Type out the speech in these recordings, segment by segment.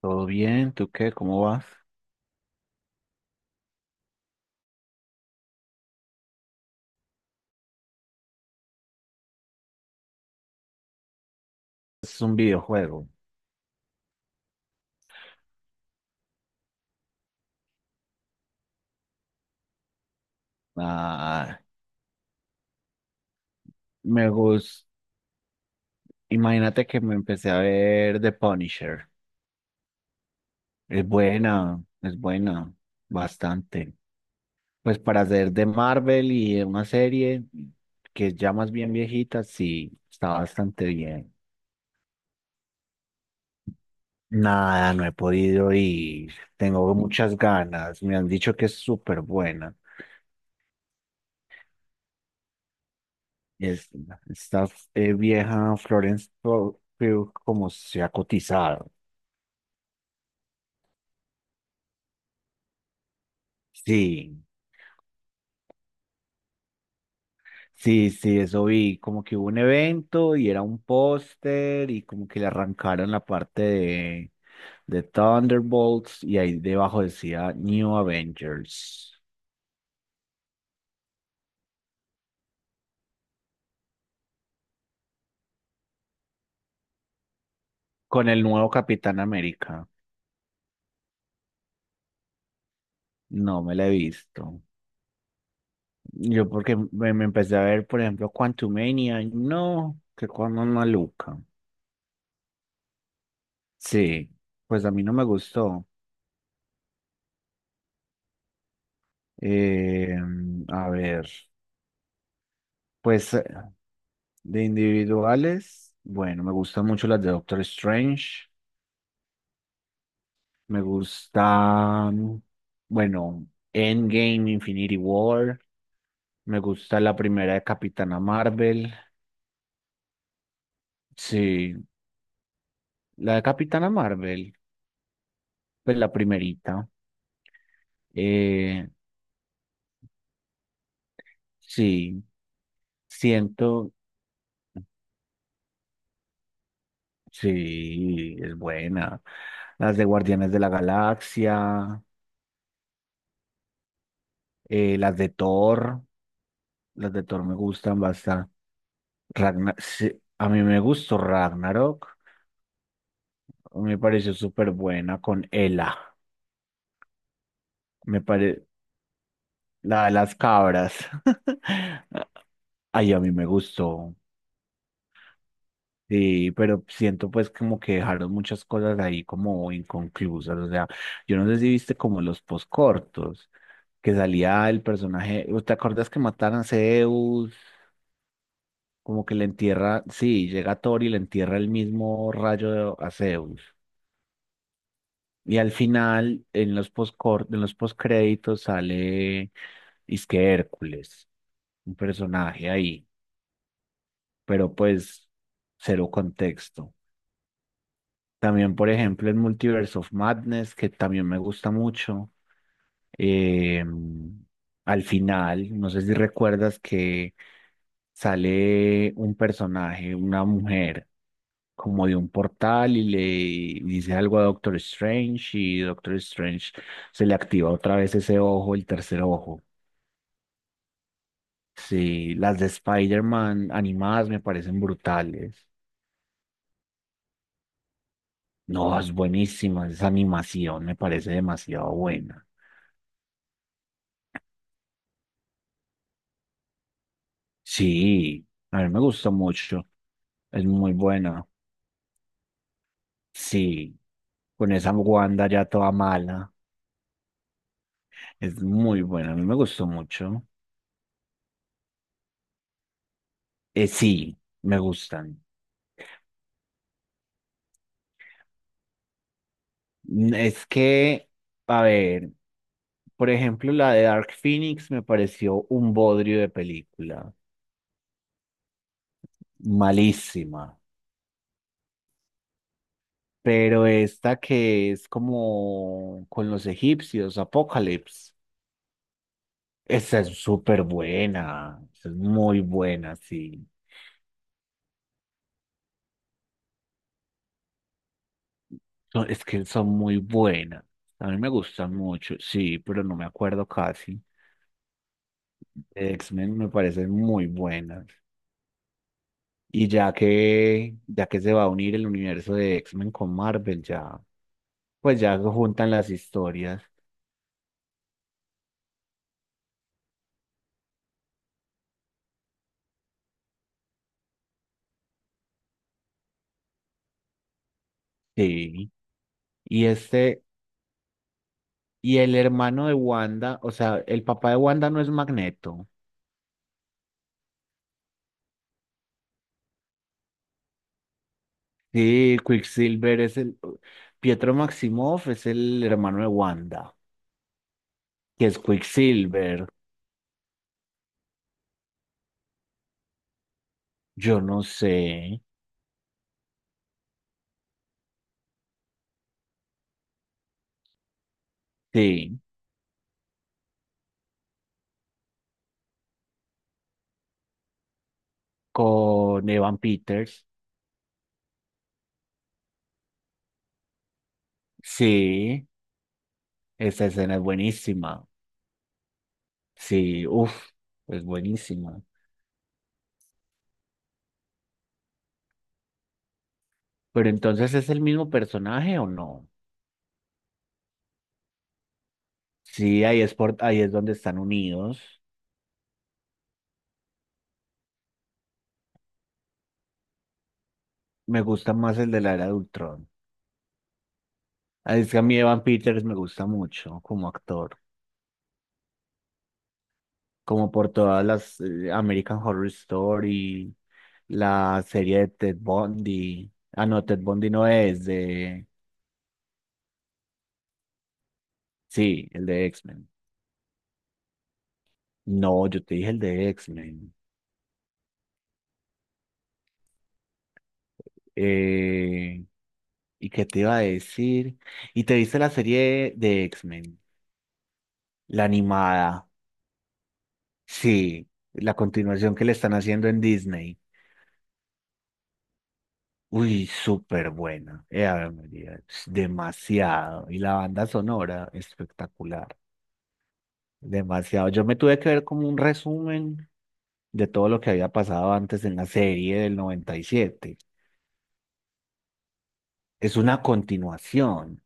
¿Todo bien? ¿Tú qué? ¿Cómo vas? Este es un videojuego. Ah, me gusta. Imagínate que me empecé a ver The Punisher. Es buena, bastante. Pues para hacer de Marvel y de una serie que es ya más bien viejita, sí, está bastante bien. Nada, no he podido ir. Tengo muchas ganas. Me han dicho que es súper buena. Es, Esta vieja Florence Pugh, Pugh como se ha cotizado. Sí, sí, sí, eso vi, como que hubo un evento y era un póster y como que le arrancaron la parte de Thunderbolts y ahí debajo decía New Avengers con el nuevo Capitán América. No me la he visto. Yo porque me empecé a ver, por ejemplo, Quantumania, no, que cuando maluca. Sí, pues a mí no me gustó. Eh, a ver. Pues de individuales, bueno, me gustan mucho las de Doctor Strange. Me gustan, bueno, Endgame, Infinity War. Me gusta la primera de Capitana Marvel. Sí, la de Capitana Marvel, pues la primerita. Eh, sí, siento, sí, es buena. Las de Guardianes de la Galaxia, eh, las de Thor, las de Thor me gustan bastante. Sí, a mí me gustó Ragnarok, me pareció súper buena con Ela, me pare... la de las cabras. Ay, a mí me gustó. Sí, pero siento pues como que dejaron muchas cosas ahí como inconclusas. O sea, yo no sé si viste como los poscortos, que salía el personaje, ¿te acuerdas que mataron a Zeus? Como que le entierra, sí, llega Thor y le entierra el mismo rayo a Zeus. Y al final, en los postcréditos sale que Hércules, un personaje ahí, pero pues cero contexto. También, por ejemplo, en Multiverse of Madness, que también me gusta mucho. Eh, Al final, no sé si recuerdas que sale un personaje, una mujer, como de un portal y le dice algo a Doctor Strange y Doctor Strange se le activa otra vez ese ojo, el tercer ojo. Sí, las de Spider-Man animadas me parecen brutales. No, es buenísima, esa animación me parece demasiado buena. Sí, a mí me gusta mucho, es muy buena. Sí, con esa Wanda ya toda mala. Es muy buena, a mí me gustó mucho. Sí, me gustan. Es que, a ver, por ejemplo, la de Dark Phoenix me pareció un bodrio de película, malísima. Pero esta que es como con los egipcios, Apocalypse, esa es súper buena, esa es muy buena, sí. No, es que son muy buenas. A mí me gustan mucho, sí, pero no me acuerdo casi. X-Men me parecen muy buenas. Y ya que se va a unir el universo de X-Men con Marvel, ya, pues ya se juntan las historias. Sí. Y este, y el hermano de Wanda, o sea, el papá de Wanda no es Magneto. Sí, Pietro Maximoff es el hermano de Wanda, que es Quicksilver. Yo no sé. Sí. Con Evan Peters. Sí, esa escena es buenísima. Sí, uff, es buenísima. Pero entonces, ¿es el mismo personaje o no? Sí, ahí es, ahí es donde están unidos. Me gusta más el de la era de Ultron. Ah, es que a mí Evan Peters me gusta mucho como actor, como por todas las American Horror Story, la serie de Ted Bundy. Ah, no, Ted Bundy no es de... Sí, el de X-Men. No, yo te dije el de X-Men. Eh, ¿Y qué te iba a decir? ¿Y te viste la serie de X-Men? La animada. Sí, la continuación que le están haciendo en Disney. Uy, súper buena. Ave María, es demasiado. Y la banda sonora, espectacular. Demasiado. Yo me tuve que ver como un resumen de todo lo que había pasado antes en la serie del 97. Es una continuación.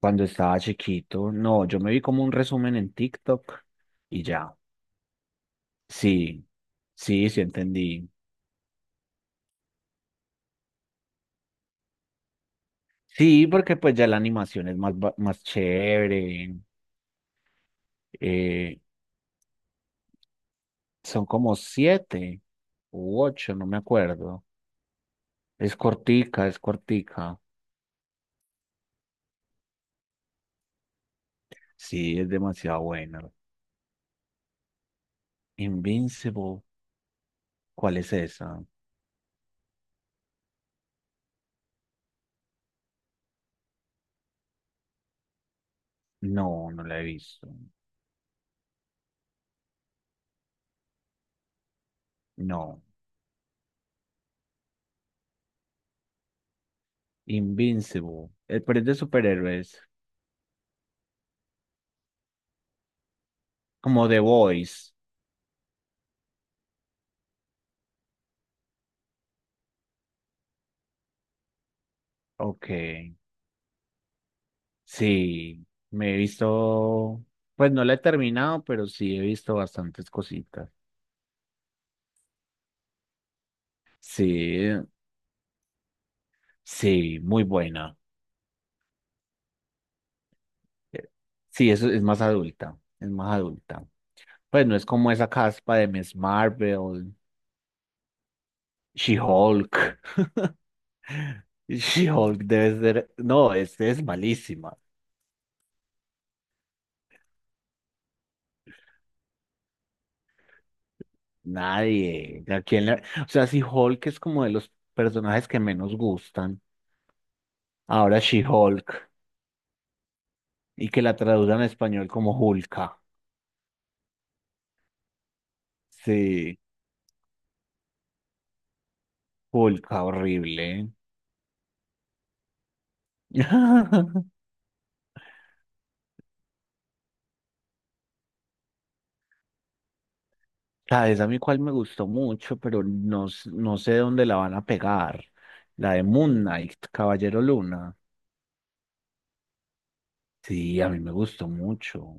Cuando estaba chiquito, no, yo me vi como un resumen en TikTok y ya. Sí, sí, sí entendí. Sí, porque pues ya la animación es más, más chévere. eh, Son como siete u ocho, no me acuerdo. Es cortica, es cortica. Sí, es demasiado buena. Invincible, ¿cuál es esa? No, no la he visto. No. Invincible, pero es de superhéroes, como The Voice. Ok. Sí, me he visto, pues no la he terminado, pero sí he visto bastantes cositas. Sí, sí, muy buena. Eh, Sí, eso es más adulta, es más adulta. Pues no es como esa caspa de Miss Marvel, She-Hulk. She-Hulk debe ser, no, este es malísima. Nadie. O sea, si Hulk es como de los personajes que menos gustan, ahora She-Hulk, y que la traduzcan en español como Hulka. Sí, Pulca, horrible. ¿Sabes a mí cuál me gustó mucho, pero no, no sé dónde la van a pegar? La de Moon Knight, Caballero Luna. Sí, a mí me gustó mucho.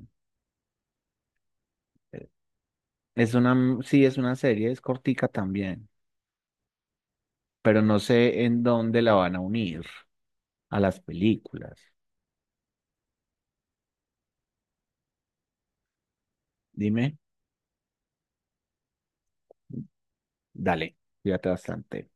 Eh, sí, es una serie, es cortica también, pero no sé en dónde la van a unir a las películas. Dime, dale, cuídate bastante.